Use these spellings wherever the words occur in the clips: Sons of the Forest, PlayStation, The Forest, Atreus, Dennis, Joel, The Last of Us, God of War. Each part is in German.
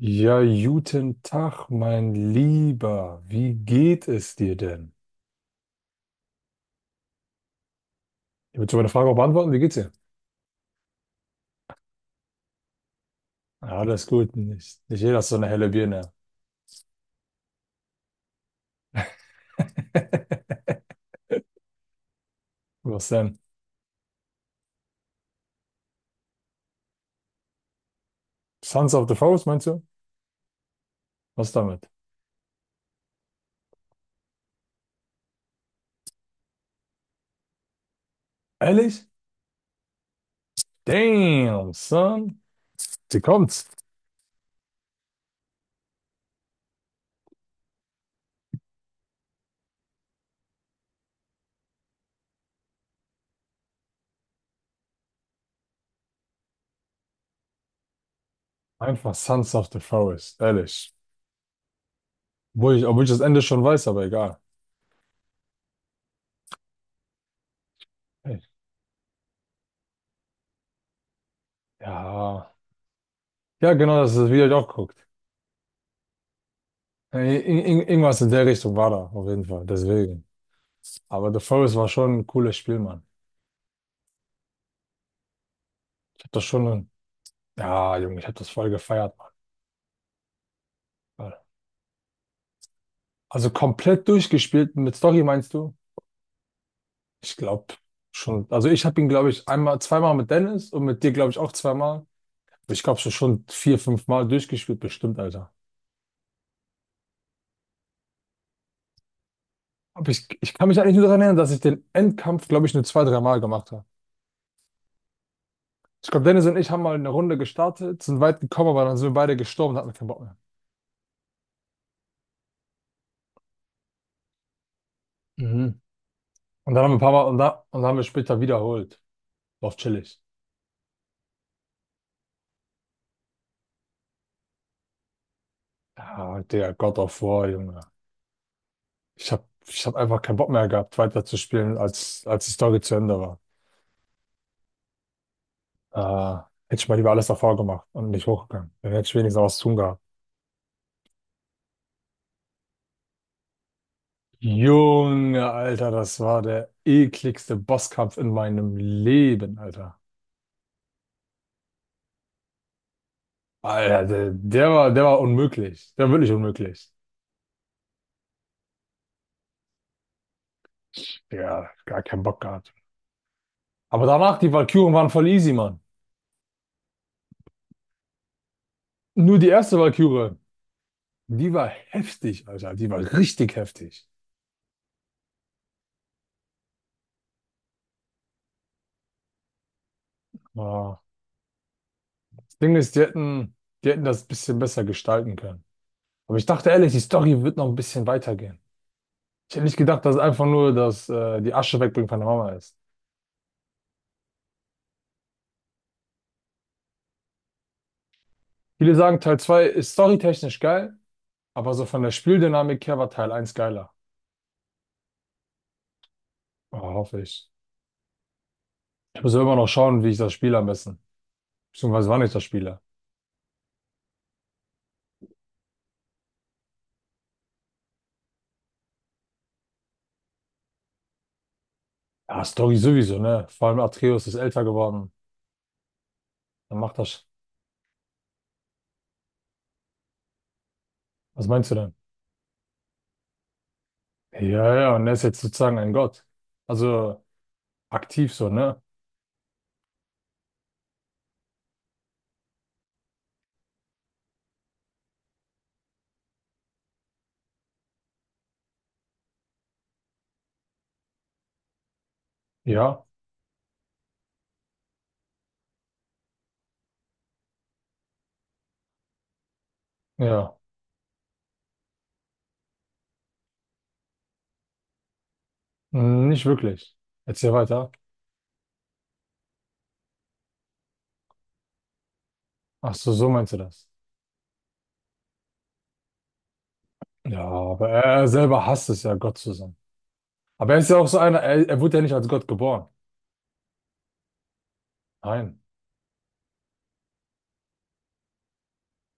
Ja, guten Tag, mein Lieber. Wie geht es dir denn? Ich würde meine Frage auch beantworten. Wie geht's dir? Ja, alles gut. Nicht jeder ist so eine helle Birne. Was denn? Sons of the Forest, meinst du? Was damit? Ehrlich? Damn, son. Sie kommt's. Einfach Sons of the Forest. Ehrlich. Obwohl ich das Ende schon weiß, aber egal. Echt? Ja. Ja, genau, das ist, wie ihr auch guckt. Irgendwas in der Richtung war da, auf jeden Fall. Deswegen. Aber The Forest war schon ein cooles Spiel, Mann. Ich habe das schon, ja, Junge, ich habe das voll gefeiert, Mann. Voll. Also komplett durchgespielt mit Story, meinst du? Ich glaube schon. Also ich habe ihn, glaube ich, einmal, zweimal mit Dennis und mit dir, glaube ich, auch zweimal. Ich glaube schon vier, fünf Mal durchgespielt, bestimmt, Alter. Aber ich kann mich eigentlich nur daran erinnern, dass ich den Endkampf, glaube ich, nur zwei, drei Mal gemacht habe. Ich glaube, Dennis und ich haben mal eine Runde gestartet, sind weit gekommen, aber dann sind wir beide gestorben und hatten keinen Bock mehr. Mhm. Und dann haben wir ein paar Mal, und dann haben wir später wiederholt. War auch chillig. Ja, der God of War, Junge. Ich hab einfach keinen Bock mehr gehabt, weiterzuspielen, als die Story zu Ende war. Äh, hätte ich mal lieber alles davor gemacht und nicht hochgegangen. Dann hätte ich wenigstens was zu tun gehabt. Junge, Alter, das war der ekligste Bosskampf in meinem Leben, Alter. Alter, der war unmöglich. Der war wirklich unmöglich. Ja, gar keinen Bock gehabt. Aber danach, die Walküren waren voll easy, Mann. Nur die erste Walküre, die war heftig, Alter. Die war richtig heftig. Ah. Ding ist, die hätten das ein bisschen besser gestalten können. Aber ich dachte ehrlich, die Story wird noch ein bisschen weitergehen. Ich hätte nicht gedacht, dass es einfach nur die Asche wegbringen von der Mama ist. Viele sagen, Teil 2 ist storytechnisch geil, aber so von der Spieldynamik her war Teil eins geiler. Oh, hoffe ich. Ich muss ja immer noch schauen, wie ich das spiele am besten. Beziehungsweise wann ich das spiele. Ja, Story sowieso, ne? Vor allem Atreus ist älter geworden. Dann macht das. Was meinst du denn? Ja, ja, und er ist jetzt sozusagen ein Gott. Also aktiv so, ne? Ja, ja. Hm, nicht wirklich. Erzähl weiter. Ach so, so meinst du das. Ja, aber er selber hasst es ja, Gott zu sein. Aber er ist ja auch so einer, er wurde ja nicht als Gott geboren. Nein.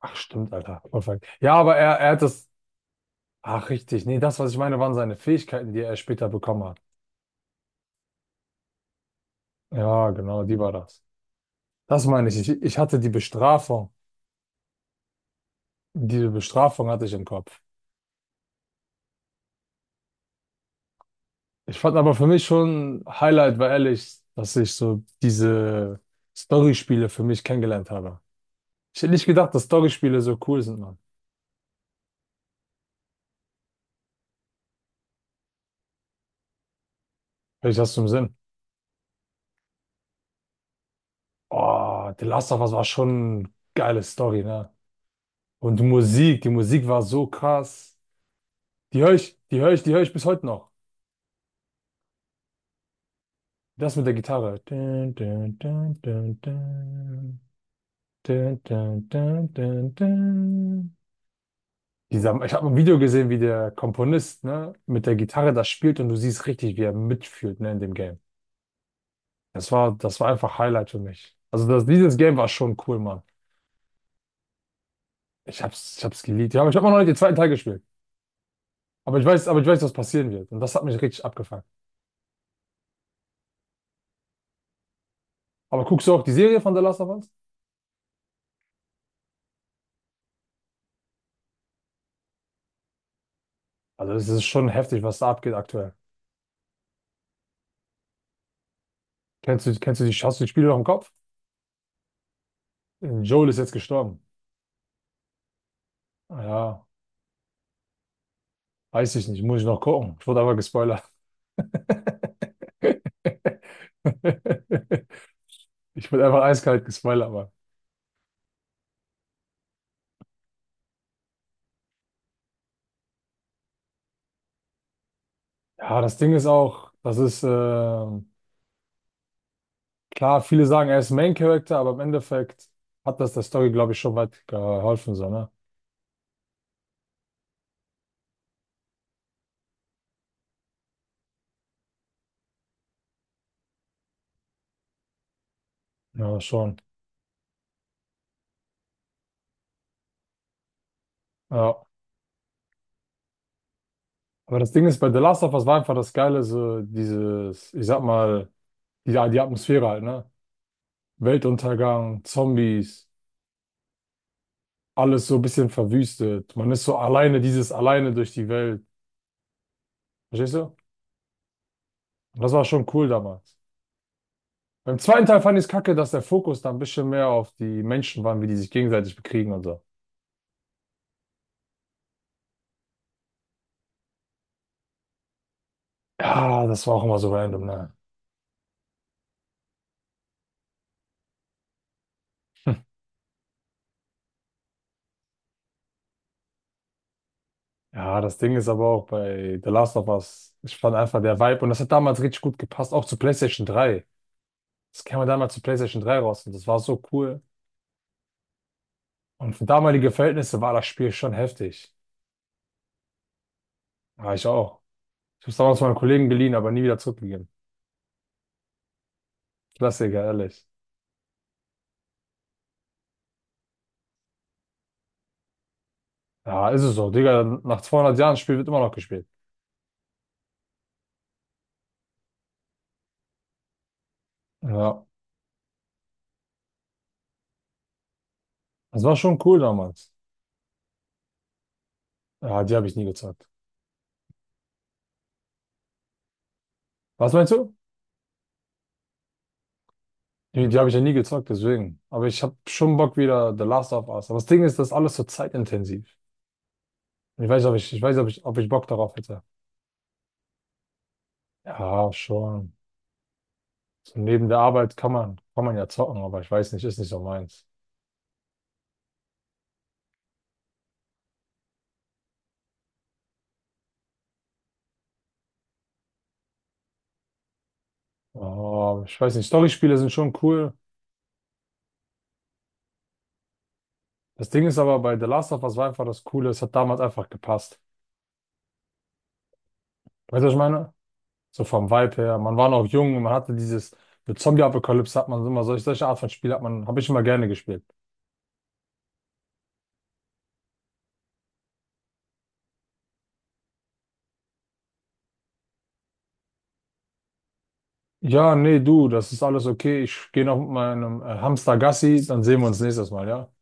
Ach, stimmt, Alter. Perfekt. Ja, aber er hat das. Ach, richtig. Nee, das, was ich meine, waren seine Fähigkeiten, die er später bekommen hat. Ja, genau, die war das. Das meine ich. Ich hatte die Bestrafung. Diese Bestrafung hatte ich im Kopf. Ich fand aber für mich schon Highlight, war ehrlich, dass ich so diese Storyspiele für mich kennengelernt habe. Ich hätte nicht gedacht, dass Storyspiele so cool sind, Mann. Vielleicht hast du im Sinn. Oh, The Last of Us war schon eine geile Story, ne? Und die Musik war so krass. Die höre ich, die höre ich, die höre ich bis heute noch. Das mit der Gitarre. Dun, dun, dun, dun, dun. Dun, dun, dun, dun, dun. Ich habe ein Video gesehen, wie der Komponist, ne, mit der Gitarre das spielt und du siehst richtig, wie er mitfühlt, ne, in dem Game. Das war einfach Highlight für mich. Also dieses Game war schon cool, Mann. Ich hab's geliebt. Ja, aber ich habe noch nicht den zweiten Teil gespielt. Aber ich weiß, was passieren wird. Und das hat mich richtig abgefuckt. Aber guckst du auch die Serie von The Last of Us? Also, es ist schon heftig, was da abgeht aktuell. Hast du die Spiele noch im Kopf? Joel ist jetzt gestorben. Ah, ja, weiß ich nicht. Muss ich noch gucken. Ich wurde aber gespoilert. Ich wurde einfach eiskalt gespoilert, aber. Ja, das Ding ist auch, das ist, klar, viele sagen, er ist Main Character, aber im Endeffekt hat das der Story, glaube ich, schon weit geholfen, so, ne? Ja, schon. Ja. Aber das Ding ist, bei The Last of Us war einfach das Geile, so dieses, ich sag mal, die Atmosphäre halt, ne? Weltuntergang, Zombies, alles so ein bisschen verwüstet. Man ist so alleine, dieses alleine durch die Welt. Verstehst du? Und das war schon cool damals. Beim zweiten Teil fand ich es kacke, dass der Fokus da ein bisschen mehr auf die Menschen war, wie die sich gegenseitig bekriegen und so. Ja, das war auch immer so random, ne? Ja, das Ding ist aber auch bei The Last of Us, ich fand einfach der Vibe und das hat damals richtig gut gepasst, auch zu PlayStation 3. Das kam ja damals zu PlayStation 3 raus und das war so cool. Und für damalige Verhältnisse war das Spiel schon heftig. Ja, ich auch. Ich habe es damals meinem Kollegen geliehen, aber nie wieder zurückgegeben. Klassiker, ehrlich. Ja, ist es so. Digga, nach 200 Jahren Spiel wird immer noch gespielt. Ja, das war schon cool damals. Ja, die habe ich nie gezockt. Was meinst du? Die habe ich ja nie gezockt, deswegen. Aber ich habe schon Bock wieder The Last of Us. Aber das Ding ist, das ist alles so zeitintensiv. Ich weiß, ob ich Bock darauf hätte. Ja, schon. So neben der Arbeit kann man ja zocken, aber ich weiß nicht, ist nicht so meins. Oh, ich weiß nicht, Storyspiele sind schon cool. Das Ding ist aber bei The Last of Us war einfach das Coole, es hat damals einfach gepasst. Weißt du, was ich meine? So vom Vibe her. Man war noch jung und man hatte dieses, mit Zombie-Apokalypse hat man immer solche Art von Spiel habe ich immer gerne gespielt. Ja, nee, du, das ist alles okay. Ich gehe noch mit meinem Hamster Gassi, dann sehen wir uns nächstes Mal, ja?